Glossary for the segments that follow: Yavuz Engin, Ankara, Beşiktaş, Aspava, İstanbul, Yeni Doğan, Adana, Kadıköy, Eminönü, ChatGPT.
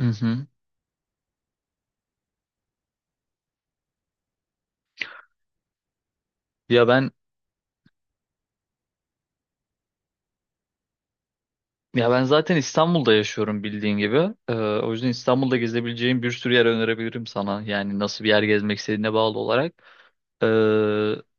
Hı hı. Ya ben ya ben zaten İstanbul'da yaşıyorum bildiğin gibi. O yüzden İstanbul'da gezebileceğim bir sürü yer önerebilirim sana. Yani nasıl bir yer gezmek istediğine bağlı olarak. Ee,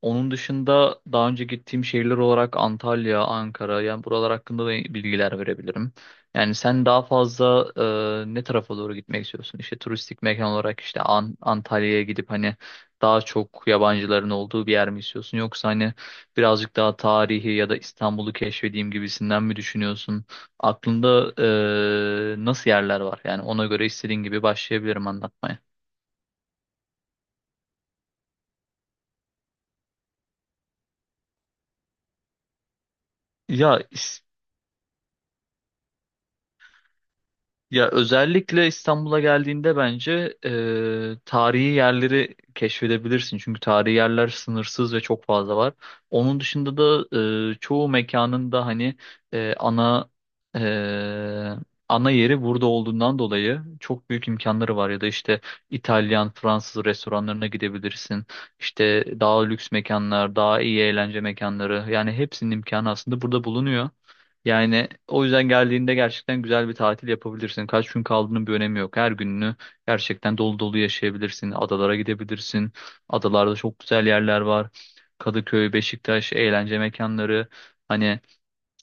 Onun dışında daha önce gittiğim şehirler olarak Antalya, Ankara yani buralar hakkında da bilgiler verebilirim. Yani sen daha fazla ne tarafa doğru gitmek istiyorsun? İşte turistik mekan olarak işte Antalya'ya gidip hani daha çok yabancıların olduğu bir yer mi istiyorsun? Yoksa hani birazcık daha tarihi ya da İstanbul'u keşfedeyim gibisinden mi düşünüyorsun? Aklında nasıl yerler var? Yani ona göre istediğin gibi başlayabilirim anlatmaya. Ya Ya özellikle İstanbul'a geldiğinde bence tarihi yerleri keşfedebilirsin. Çünkü tarihi yerler sınırsız ve çok fazla var. Onun dışında da çoğu mekanın da hani e, ana e, ana yeri burada olduğundan dolayı çok büyük imkanları var. Ya da işte İtalyan, Fransız restoranlarına gidebilirsin. İşte daha lüks mekanlar, daha iyi eğlence mekanları. Yani hepsinin imkanı aslında burada bulunuyor. Yani o yüzden geldiğinde gerçekten güzel bir tatil yapabilirsin. Kaç gün kaldığının bir önemi yok. Her gününü gerçekten dolu dolu yaşayabilirsin. Adalara gidebilirsin. Adalarda çok güzel yerler var. Kadıköy, Beşiktaş, eğlence mekanları. Hani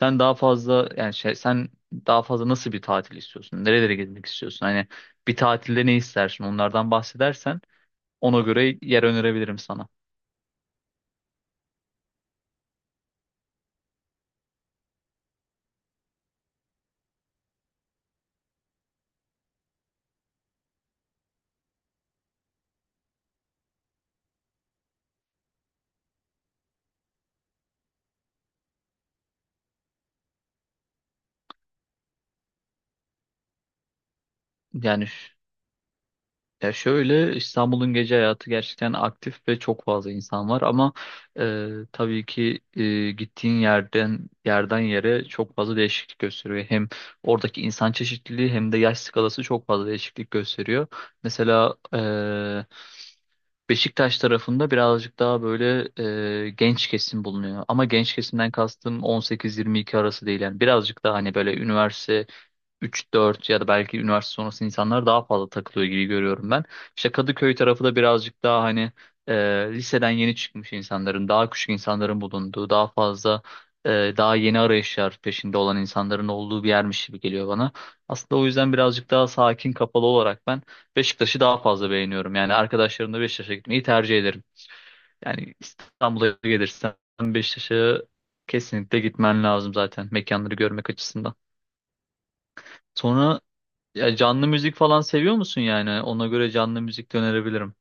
sen daha fazla sen daha fazla nasıl bir tatil istiyorsun? Nerelere gitmek istiyorsun? Hani bir tatilde ne istersin? Onlardan bahsedersen ona göre yer önerebilirim sana. Yani Ya şöyle İstanbul'un gece hayatı gerçekten aktif ve çok fazla insan var ama tabii ki gittiğin yerden yere çok fazla değişiklik gösteriyor. Hem oradaki insan çeşitliliği hem de yaş skalası çok fazla değişiklik gösteriyor. Mesela Beşiktaş tarafında birazcık daha böyle genç kesim bulunuyor. Ama genç kesimden kastım 18-22 arası değil yani birazcık daha hani böyle üniversite üç dört ya da belki üniversite sonrası insanlar daha fazla takılıyor gibi görüyorum ben. İşte Kadıköy tarafı da birazcık daha hani e, liseden yeni çıkmış insanların, daha küçük insanların bulunduğu, daha fazla daha yeni arayışlar peşinde olan insanların olduğu bir yermiş gibi geliyor bana. Aslında o yüzden birazcık daha sakin, kapalı olarak ben Beşiktaş'ı daha fazla beğeniyorum. Yani arkadaşlarımla Beşiktaş'a gitmeyi tercih ederim. Yani İstanbul'a gelirsen Beşiktaş'a kesinlikle gitmen lazım zaten mekanları görmek açısından. Sonra ya canlı müzik falan seviyor musun yani? Ona göre canlı müzik de önerebilirim.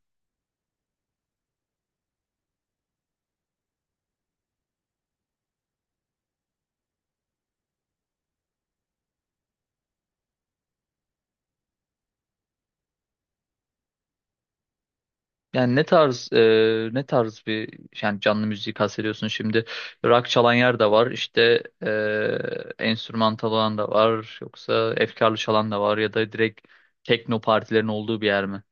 Yani ne tarz ne tarz bir yani canlı müzik kastediyorsun şimdi? Rock çalan yer de var, işte enstrümantal olan da var, yoksa efkarlı çalan da var ya da direkt tekno partilerin olduğu bir yer mi?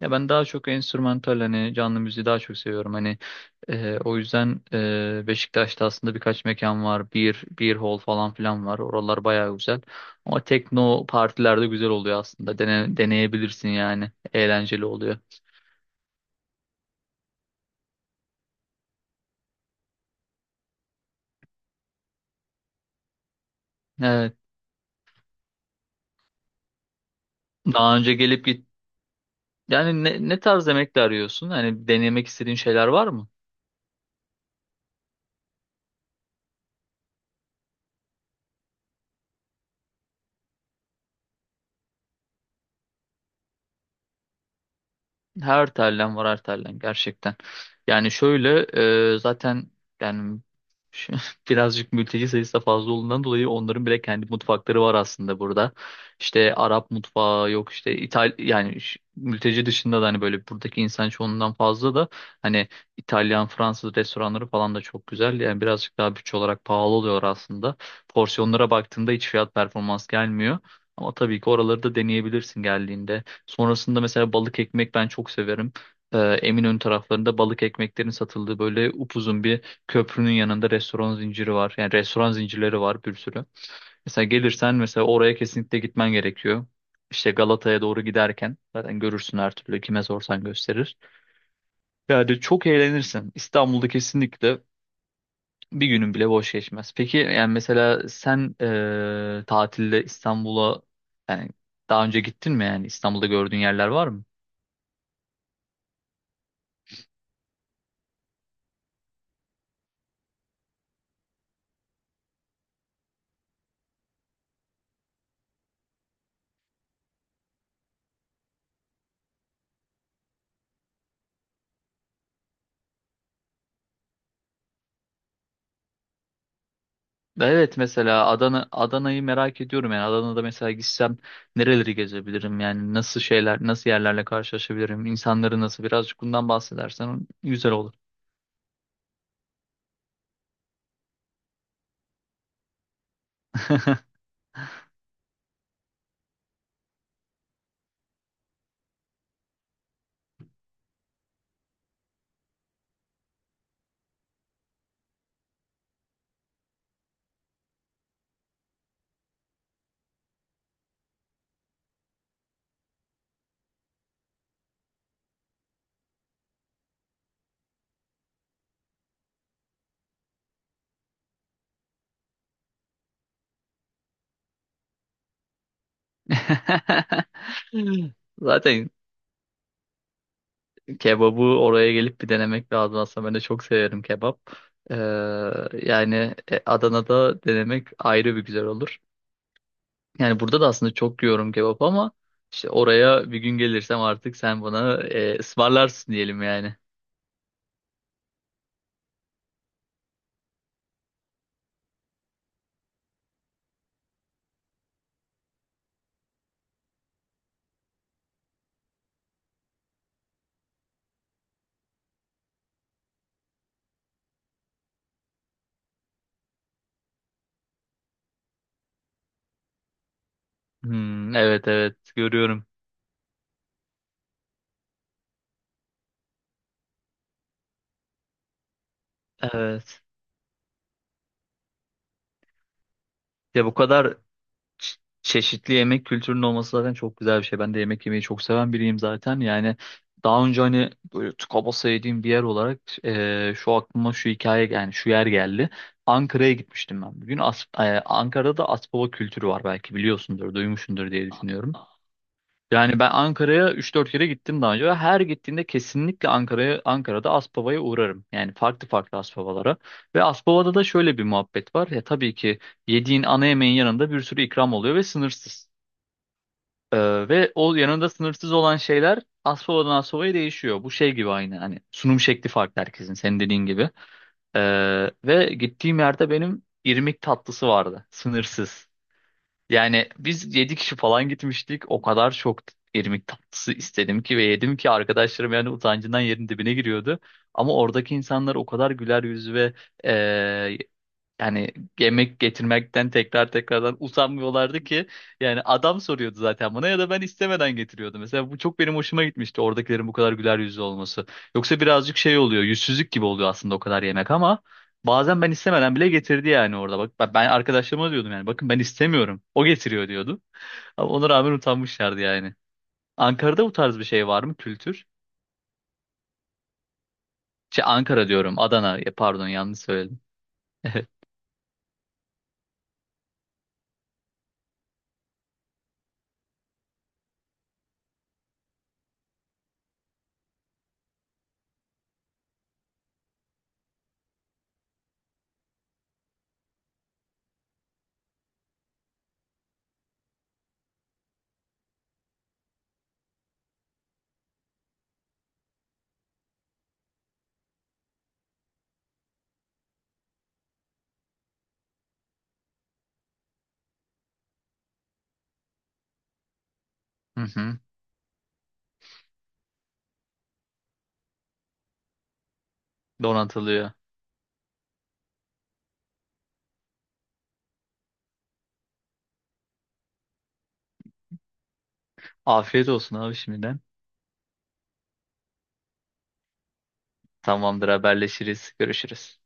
Ya ben daha çok enstrümantal hani canlı müziği daha çok seviyorum. Hani o yüzden Beşiktaş'ta aslında birkaç mekan var. Bir hall falan filan var. Oralar bayağı güzel. Ama tekno partilerde güzel oluyor aslında. Deneyebilirsin yani. Eğlenceli oluyor. Evet. Daha önce gelip git. Yani ne tarz yemekler arıyorsun? Hani denemek istediğin şeyler var mı? Her tellen var her tellen gerçekten. Yani şöyle zaten yani şu- birazcık mülteci sayısı da fazla olduğundan dolayı onların bile kendi mutfakları var aslında burada. İşte Arap mutfağı yok işte mülteci dışında da hani böyle buradaki insan çoğunluğundan fazla da hani İtalyan, Fransız restoranları falan da çok güzel. Yani birazcık daha bütçe olarak pahalı oluyor aslında. Porsiyonlara baktığında hiç fiyat performans gelmiyor. Ama tabii ki oraları da deneyebilirsin geldiğinde. Sonrasında mesela balık ekmek ben çok severim. Eminönü taraflarında balık ekmeklerin satıldığı böyle upuzun bir köprünün yanında restoran zinciri var. Yani restoran zincirleri var bir sürü. Mesela gelirsen mesela oraya kesinlikle gitmen gerekiyor. İşte Galata'ya doğru giderken zaten görürsün her türlü kime sorsan gösterir. Yani çok eğlenirsin. İstanbul'da kesinlikle bir günün bile boş geçmez. Peki yani mesela sen tatilde İstanbul'a yani daha önce gittin mi yani İstanbul'da gördüğün yerler var mı? Evet mesela Adana'yı merak ediyorum yani Adana'da mesela gitsem nereleri gezebilirim yani nasıl şeyler nasıl yerlerle karşılaşabilirim insanları nasıl birazcık bundan bahsedersen güzel olur. Zaten kebabı oraya gelip bir denemek lazım aslında ben de çok severim kebap. Ee, yani Adana'da denemek ayrı bir güzel olur. Yani burada da aslında çok yiyorum kebap ama işte oraya bir gün gelirsem artık sen bana ısmarlarsın diyelim yani. Hmm, evet evet görüyorum. Evet. Ya bu kadar ç- çeşitli yemek kültürünün olması zaten çok güzel bir şey. Ben de yemek yemeyi çok seven biriyim zaten. Yani daha önce hani böyle tıka basa yediğim bir yer olarak e, şu aklıma şu hikaye yani şu yer geldi. Ankara'ya gitmiştim ben bugün. Ankara'da da Aspava kültürü var belki biliyorsundur, duymuşsundur diye düşünüyorum. Yani ben Ankara'ya üç dört kere gittim daha önce ve her gittiğimde kesinlikle Ankara'da Aspava'ya uğrarım. Yani farklı farklı Aspavalara. Ve Aspava'da da şöyle bir muhabbet var. Ya tabii ki yediğin ana yemeğin yanında bir sürü ikram oluyor ve sınırsız. Ve o yanında sınırsız olan şeyler Aspava'dan Aspava'ya değişiyor. Bu şey gibi aynı hani sunum şekli farklı herkesin senin dediğin gibi. Ve gittiğim yerde benim irmik tatlısı vardı. Sınırsız. Yani biz 7 kişi falan gitmiştik. O kadar çok irmik tatlısı istedim ki ve yedim ki arkadaşlarım yani utancından yerin dibine giriyordu. Ama oradaki insanlar o kadar güler yüzlü ve yani yemek getirmekten tekrar tekrardan usanmıyorlardı ki yani adam soruyordu zaten bana ya da ben istemeden getiriyordum. Mesela bu çok benim hoşuma gitmişti oradakilerin bu kadar güler yüzlü olması. Yoksa birazcık şey oluyor yüzsüzlük gibi oluyor aslında o kadar yemek ama bazen ben istemeden bile getirdi yani orada. Bak ben arkadaşlarıma diyordum yani bakın ben istemiyorum o getiriyor diyordu ama ona rağmen utanmışlardı yani. Ankara'da bu tarz bir şey var mı kültür? Ankara diyorum Adana. Ya pardon yanlış söyledim. Hı hı. Donatılıyor. Afiyet olsun abi şimdiden. Tamamdır haberleşiriz. Görüşürüz.